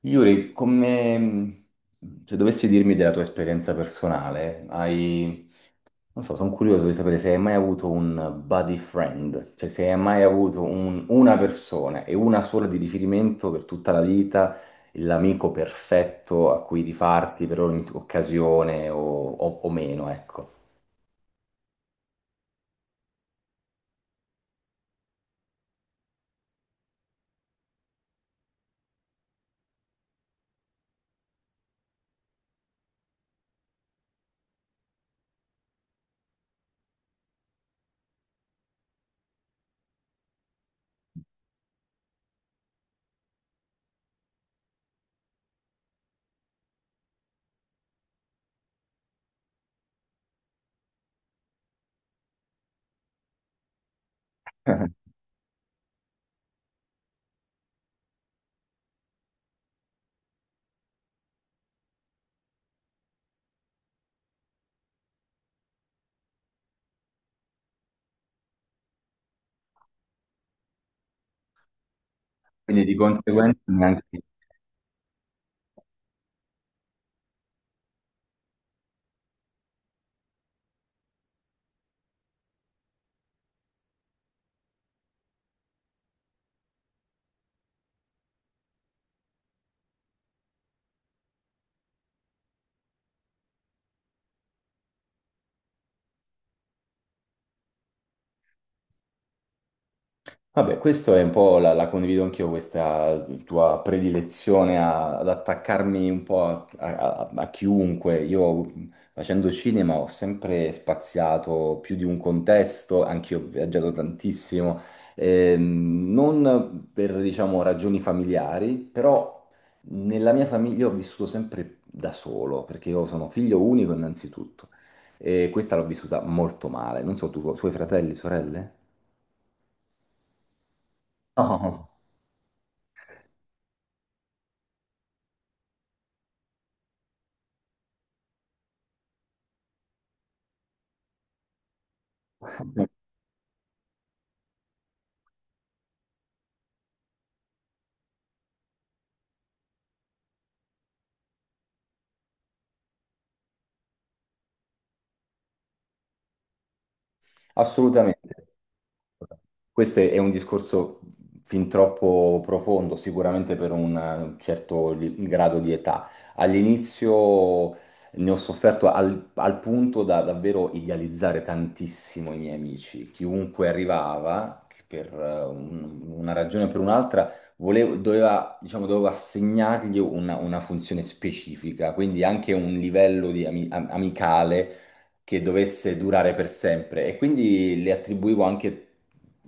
Yuri, come se dovessi dirmi della tua esperienza personale, hai, non so, sono curioso di sapere se hai mai avuto un buddy friend, cioè se hai mai avuto una persona e una sola di riferimento per tutta la vita, l'amico perfetto a cui rifarti per ogni occasione o meno, ecco. Quindi di conseguenza neanche... Vabbè, questo è un po' la condivido anch'io, questa tua predilezione ad attaccarmi un po' a chiunque. Io facendo cinema ho sempre spaziato più di un contesto, anch'io ho viaggiato tantissimo, non per, diciamo, ragioni familiari, però nella mia famiglia ho vissuto sempre da solo, perché io sono figlio unico innanzitutto, e questa l'ho vissuta molto male. Non so, tu, tuoi fratelli, sorelle? No. Assolutamente. Questo è un discorso fin troppo profondo, sicuramente per un certo grado di età. All'inizio ne ho sofferto al punto da davvero idealizzare tantissimo i miei amici. Chiunque arrivava, che per una ragione o per un'altra, dovevo assegnargli una funzione specifica, quindi anche un livello di amicale che dovesse durare per sempre e quindi le attribuivo anche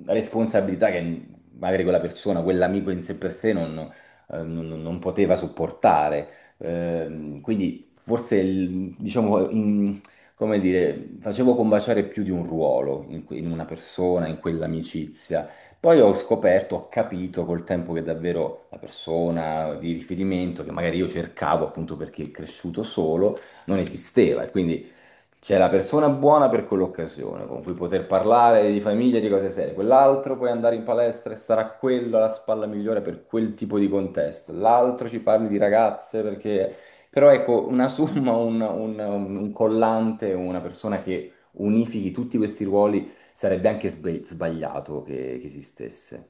responsabilità che magari quella persona, quell'amico in sé per sé non poteva sopportare. Quindi forse, diciamo, come dire, facevo combaciare più di un ruolo in una persona, in quell'amicizia. Poi ho scoperto, ho capito col tempo che davvero la persona di riferimento, che magari io cercavo appunto perché è cresciuto solo, non esisteva. E quindi c'è la persona buona per quell'occasione, con cui poter parlare di famiglia, di cose serie. Quell'altro puoi andare in palestra e sarà quello la spalla migliore per quel tipo di contesto. L'altro ci parli di ragazze perché... Però ecco, una somma, un collante, una persona che unifichi tutti questi ruoli sarebbe anche sbagliato che esistesse.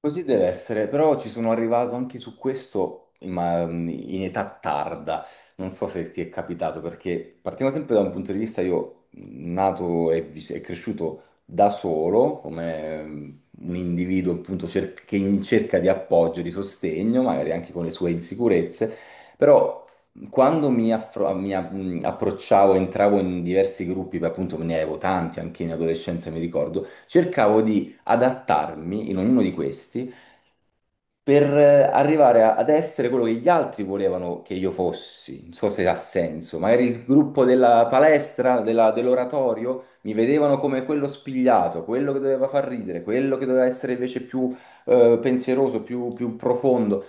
Così deve essere, però ci sono arrivato anche su questo, ma in età tarda. Non so se ti è capitato, perché partiamo sempre da un punto di vista, io nato e cresciuto da solo, come un individuo appunto che in cerca di appoggio, di sostegno, magari anche con le sue insicurezze, però quando mi, affro- mi a- approcciavo, entravo in diversi gruppi, beh, appunto ne avevo tanti, anche in adolescenza mi ricordo, cercavo di adattarmi in ognuno di questi per arrivare ad essere quello che gli altri volevano che io fossi. Non so se ha senso. Magari il gruppo della palestra, dell'oratorio, mi vedevano come quello spigliato, quello che doveva far ridere, quello che doveva essere invece più pensieroso, più profondo.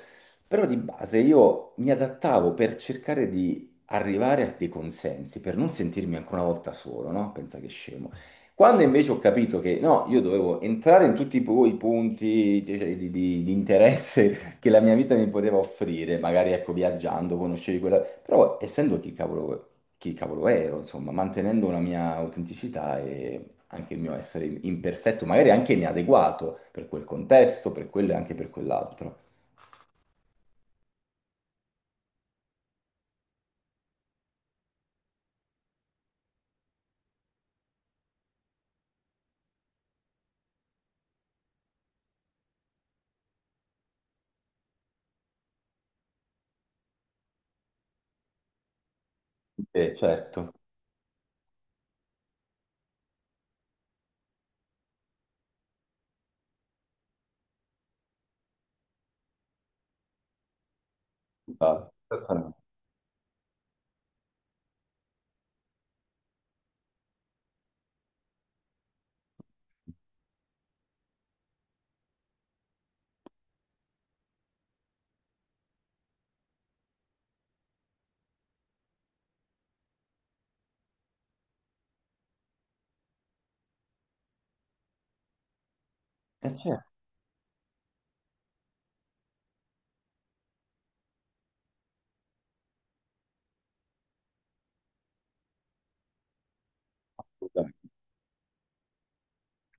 Però di base io mi adattavo per cercare di arrivare a dei consensi, per non sentirmi ancora una volta solo, no? Pensa che scemo. Quando invece ho capito che no, io dovevo entrare in tutti i i punti di interesse che la mia vita mi poteva offrire, magari ecco viaggiando, conoscevi quella, però essendo chi cavolo ero, insomma, mantenendo una mia autenticità e anche il mio essere imperfetto, magari anche inadeguato per quel contesto, per quello e anche per quell'altro. Certo, esatto. Certo. Assolutamente.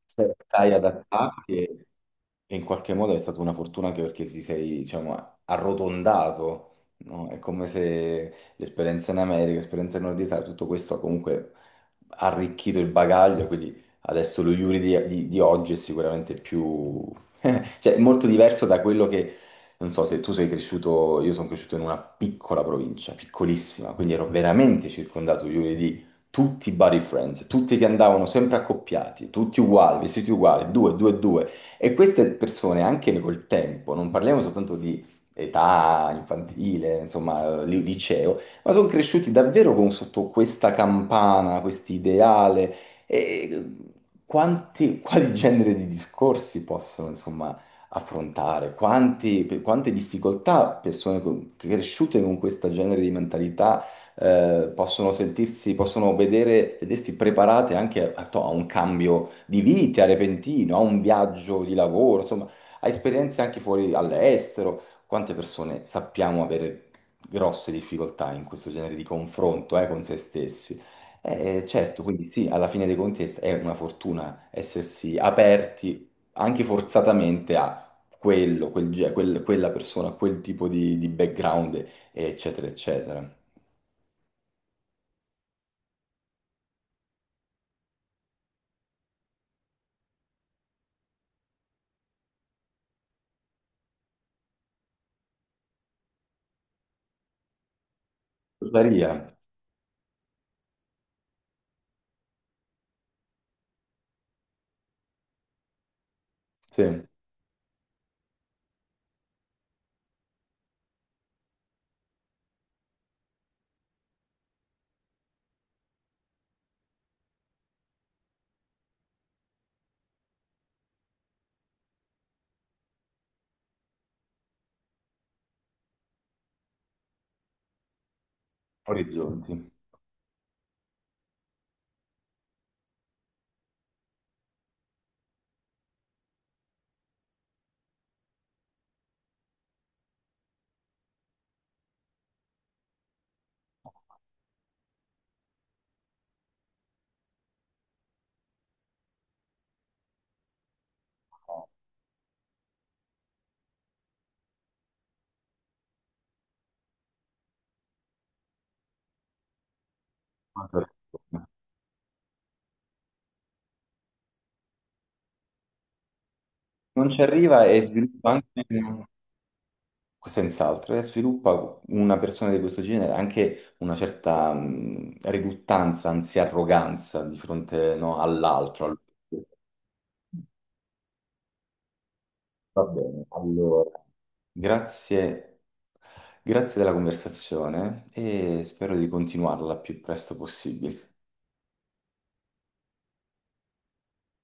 Se stai adattarti. E in qualche modo è stata una fortuna anche perché ti sei, diciamo, arrotondato, no? È come se l'esperienza in America, l'esperienza in Nord Italia, tutto questo ha comunque arricchito il bagaglio, quindi adesso lo Yuri di oggi è sicuramente più, cioè, è molto diverso da quello che, non so, se tu sei cresciuto, io sono cresciuto in una piccola provincia, piccolissima, quindi ero veramente circondato io di tutti i buddy friends, tutti che andavano sempre accoppiati, tutti uguali, vestiti uguali, due, due, due. E queste persone, anche col tempo, non parliamo soltanto di età infantile, insomma, liceo, ma sono cresciuti davvero sotto questa campana, questo ideale. E quali genere di discorsi possono affrontare, per quante difficoltà persone cresciute con questo genere di mentalità possono sentirsi, possono vedere, vedersi preparate anche a un cambio di vita repentino, a un viaggio di lavoro, insomma, a esperienze anche fuori all'estero. Quante persone sappiamo avere grosse difficoltà in questo genere di confronto con se stessi? Certo, quindi sì, alla fine dei conti è una fortuna essersi aperti anche forzatamente quello, quella persona, quel tipo di background, eccetera, eccetera. Tuttavia, sì, orizzonti. Non ci arriva e sviluppa anche, senz'altro, e sviluppa una persona di questo genere anche una certa riluttanza, anzi arroganza di fronte no, all'altro. Al- va bene, allora, grazie, grazie della conversazione e spero di continuarla il più presto possibile.